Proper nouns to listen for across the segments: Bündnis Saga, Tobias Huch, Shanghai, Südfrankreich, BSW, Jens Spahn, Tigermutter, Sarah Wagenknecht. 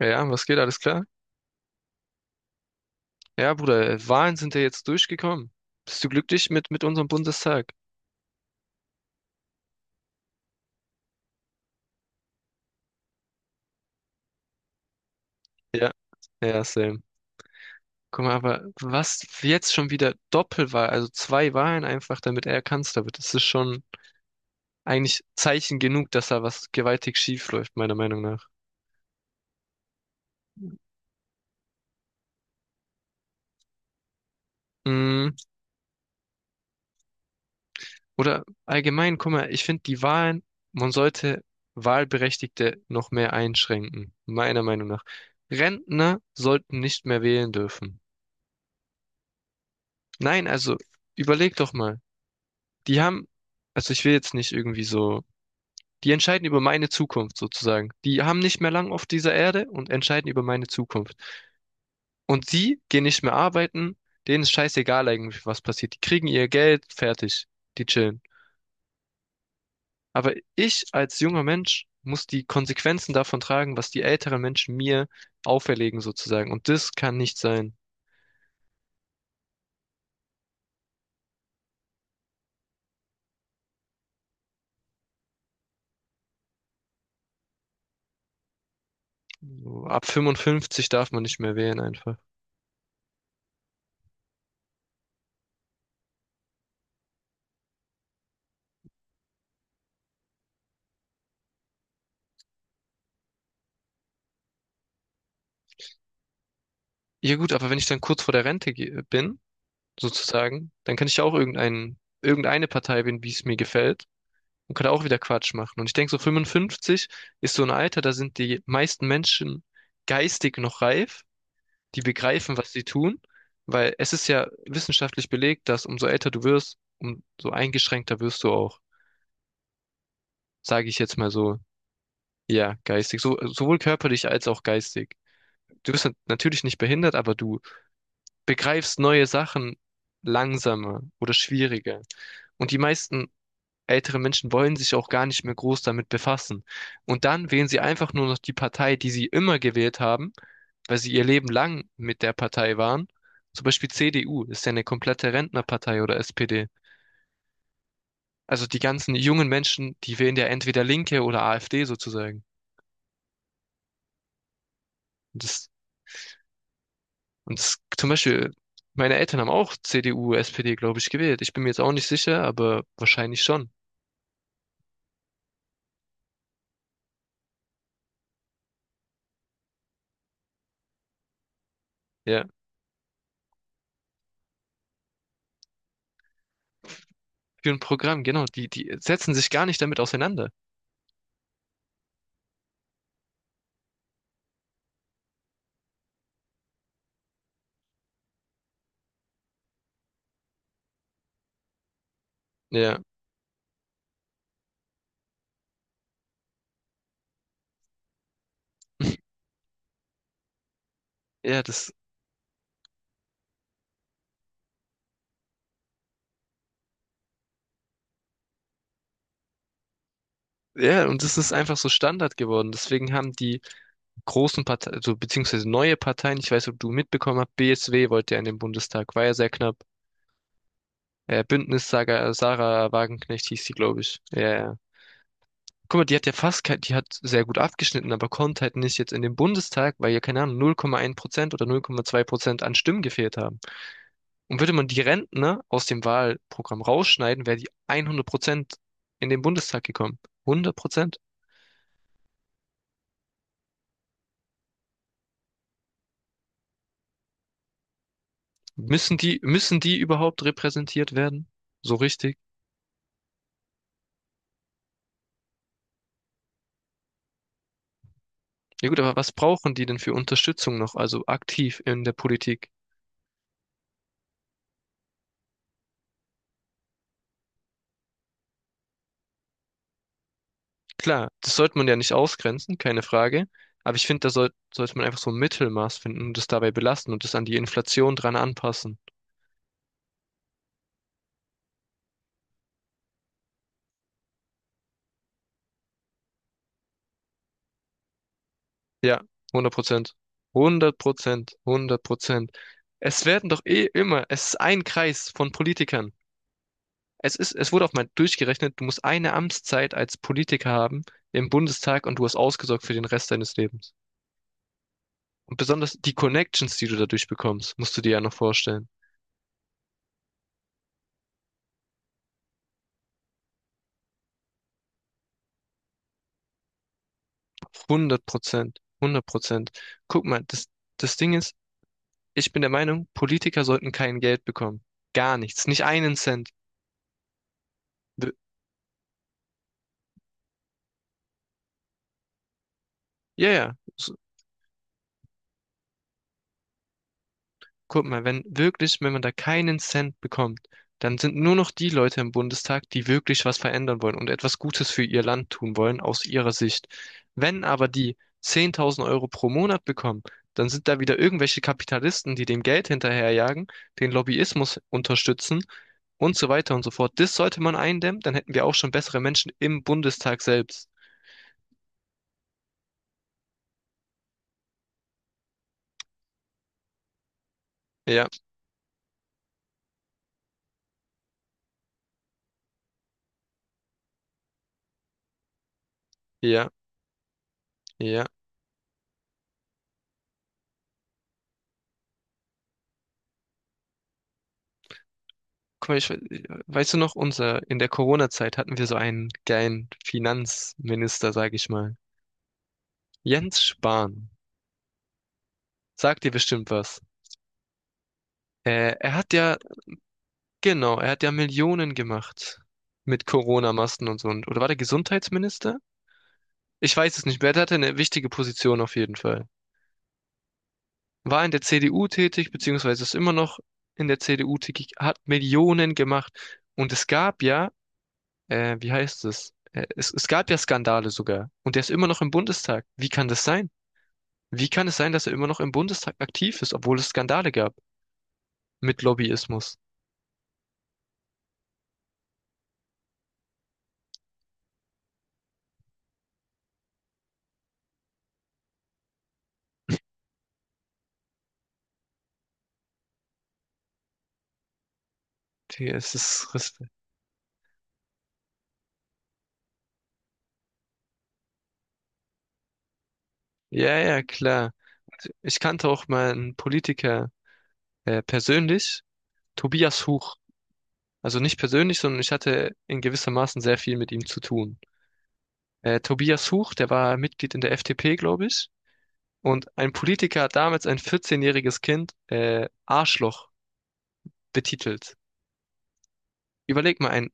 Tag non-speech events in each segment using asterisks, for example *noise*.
Ja, ja, was geht? Alles klar? Ja, Bruder, Wahlen sind ja jetzt durchgekommen. Bist du glücklich mit unserem Bundestag? Ja, ja, same. Guck mal, aber was jetzt schon wieder Doppelwahl, also zwei Wahlen einfach, damit er Kanzler wird, das ist schon eigentlich Zeichen genug, dass da was gewaltig schief läuft, meiner Meinung nach. Mm, oder allgemein, guck mal, ich finde die Wahlen, man sollte Wahlberechtigte noch mehr einschränken, meiner Meinung nach. Rentner sollten nicht mehr wählen dürfen. Nein, also überleg doch mal. Die haben, also ich will jetzt nicht irgendwie so, die entscheiden über meine Zukunft sozusagen. Die haben nicht mehr lang auf dieser Erde und entscheiden über meine Zukunft. Und die gehen nicht mehr arbeiten, denen ist scheißegal eigentlich, was passiert. Die kriegen ihr Geld, fertig, die chillen. Aber ich als junger Mensch muss die Konsequenzen davon tragen, was die älteren Menschen mir auferlegen sozusagen. Und das kann nicht sein. So, ab 55 darf man nicht mehr wählen einfach. Ja gut, aber wenn ich dann kurz vor der Rente bin, sozusagen. Dann kann ich ja auch irgendeine Partei wählen, wie es mir gefällt und kann auch wieder Quatsch machen. Und ich denke, so 55 ist so ein Alter, da sind die meisten Menschen geistig noch reif, die begreifen, was sie tun, weil es ist ja wissenschaftlich belegt, dass umso älter du wirst, umso eingeschränkter wirst du auch, sage ich jetzt mal so. Ja, geistig, so, sowohl körperlich als auch geistig. Du bist natürlich nicht behindert, aber du begreifst neue Sachen langsamer oder schwieriger. Und die meisten ältere Menschen wollen sich auch gar nicht mehr groß damit befassen. Und dann wählen sie einfach nur noch die Partei, die sie immer gewählt haben, weil sie ihr Leben lang mit der Partei waren. Zum Beispiel CDU ist ja eine komplette Rentnerpartei oder SPD. Also die ganzen jungen Menschen, die wählen ja entweder Linke oder AfD sozusagen. Und das, und das, zum Beispiel, meine Eltern haben auch CDU, SPD, glaube ich, gewählt. Ich bin mir jetzt auch nicht sicher, aber wahrscheinlich schon. Ja. Für ein Programm, genau. Die, die setzen sich gar nicht damit auseinander. Ja. Ja, das Ja, und es ist einfach so Standard geworden. Deswegen haben die großen Parteien, also beziehungsweise neue Parteien, ich weiß, ob du mitbekommen hast, BSW wollte ja in den Bundestag, war ja sehr knapp. Bündnis Saga, Sarah Wagenknecht hieß sie, glaube ich. Ja, ja. Guck mal, die hat ja fast, die hat sehr gut abgeschnitten, aber kommt halt nicht jetzt in den Bundestag, weil ja, keine Ahnung, 0,1% oder 0,2% an Stimmen gefehlt haben. Und würde man die Rentner aus dem Wahlprogramm rausschneiden, wäre die 100% in den Bundestag gekommen. 100%. Müssen die überhaupt repräsentiert werden? So richtig? Ja gut, aber was brauchen die denn für Unterstützung noch, also aktiv in der Politik? Klar, das sollte man ja nicht ausgrenzen, keine Frage. Aber ich finde, da sollte man einfach so ein Mittelmaß finden und das dabei belassen und das an die Inflation dran anpassen. Ja, 100%. 100%, hundert Prozent. Es werden doch eh immer, es ist ein Kreis von Politikern. Es ist, es wurde auch mal durchgerechnet, du musst eine Amtszeit als Politiker haben im Bundestag und du hast ausgesorgt für den Rest deines Lebens. Und besonders die Connections, die du dadurch bekommst, musst du dir ja noch vorstellen. 100%, Hundert Prozent. Guck mal, das, das Ding ist, ich bin der Meinung, Politiker sollten kein Geld bekommen. Gar nichts, nicht einen Cent. Wir- Ja, ja, s- Guck mal, wenn wirklich, wenn man da keinen Cent bekommt, dann sind nur noch die Leute im Bundestag, die wirklich was verändern wollen und etwas Gutes für ihr Land tun wollen, aus ihrer Sicht. Wenn aber die 10.000 € pro Monat bekommen, dann sind da wieder irgendwelche Kapitalisten, die dem Geld hinterherjagen, den Lobbyismus unterstützen und so weiter und so fort. Das sollte man eindämmen, dann hätten wir auch schon bessere Menschen im Bundestag selbst. Ja, ja, ja. Guck mal, weißt du noch, unser, in der Corona-Zeit hatten wir so einen geilen Finanzminister, sag ich mal. Jens Spahn. Sagt dir bestimmt was. Er hat ja, genau, er hat ja Millionen gemacht mit Corona-Masken und so. Und, oder war der Gesundheitsminister? Ich weiß es nicht mehr. Er hatte eine wichtige Position auf jeden Fall. War in der CDU tätig, beziehungsweise ist immer noch in der CDU tätig, hat Millionen gemacht. Und es gab ja wie heißt es? Es gab ja Skandale sogar. Und der ist immer noch im Bundestag. Wie kann das sein? Wie kann es sein, dass er immer noch im Bundestag aktiv ist, obwohl es Skandale gab mit Lobbyismus? Digga, ja, ja, klar. Und ich kannte auch mal einen Politiker persönlich, Tobias Huch. Also nicht persönlich, sondern ich hatte in gewissermaßen sehr viel mit ihm zu tun. Tobias Huch, der war Mitglied in der FDP, glaube ich. Und ein Politiker hat damals ein 14-jähriges Kind Arschloch betitelt. Überleg mal ein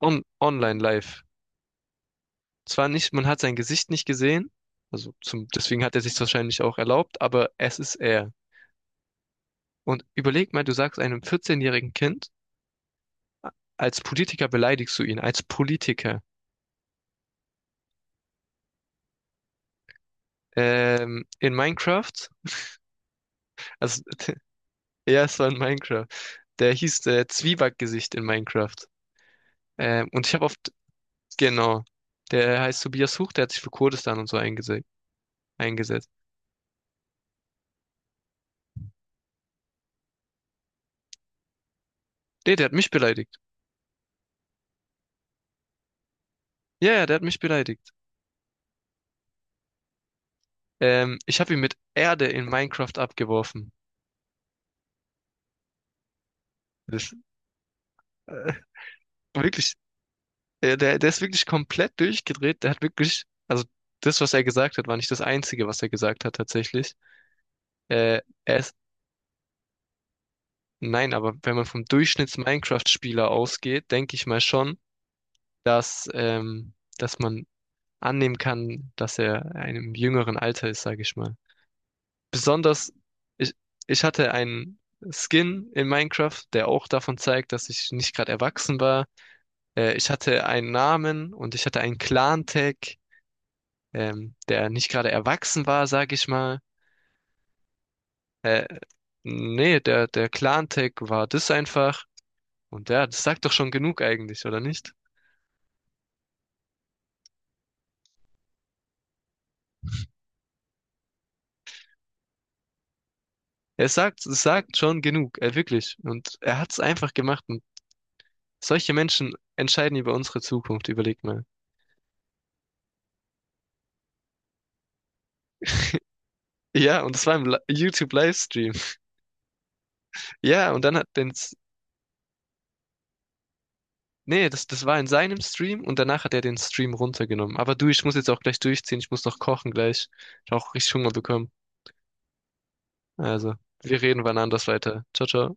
On Online-Live. Zwar nicht, man hat sein Gesicht nicht gesehen, also zum, deswegen hat er sich wahrscheinlich auch erlaubt, aber es ist er. Und überleg mal, du sagst einem 14-jährigen Kind, als Politiker beleidigst du ihn, als Politiker. In Minecraft, also *laughs* ja, es war in Minecraft. Der hieß Zwiebackgesicht in Minecraft. Und ich habe oft, genau, der heißt Tobias Huch, der hat sich für Kurdistan und so eingesetzt. Nee, der hat mich beleidigt. Ja, ja, der hat mich beleidigt. Ich habe ihn mit Erde in Minecraft abgeworfen. Das, äh, wirklich, der, der ist wirklich komplett durchgedreht. Der hat wirklich, also das, was er gesagt hat, war nicht das Einzige, was er gesagt hat tatsächlich. Äh, er ist, nein, aber wenn man vom Durchschnitts-Minecraft-Spieler ausgeht, denke ich mal schon, dass, ähm, dass man annehmen kann, dass er in einem jüngeren Alter ist, sage ich mal. Besonders, ich, ich hatte einen Skin in Minecraft, der auch davon zeigt, dass ich nicht gerade erwachsen war. Ich hatte einen Namen und ich hatte einen Clan-Tag, der nicht gerade erwachsen war, sag ich mal. Äh, Nee, der, der Clan-Tag war das einfach. Und ja, das sagt doch schon genug eigentlich, oder nicht? Er sagt, es sagt schon genug, wirklich. Und er hat es einfach gemacht. Und solche Menschen entscheiden über unsere Zukunft, überleg mal. Ja, und das war im YouTube-Livestream. *laughs* Ja, und dann hat den, Nee, das, das war in seinem Stream und danach hat er den Stream runtergenommen. Aber du, ich muss jetzt auch gleich durchziehen. Ich muss noch kochen gleich. Ich habe auch richtig Hunger bekommen. Also, wir reden wann anders weiter. Ciao, ciao.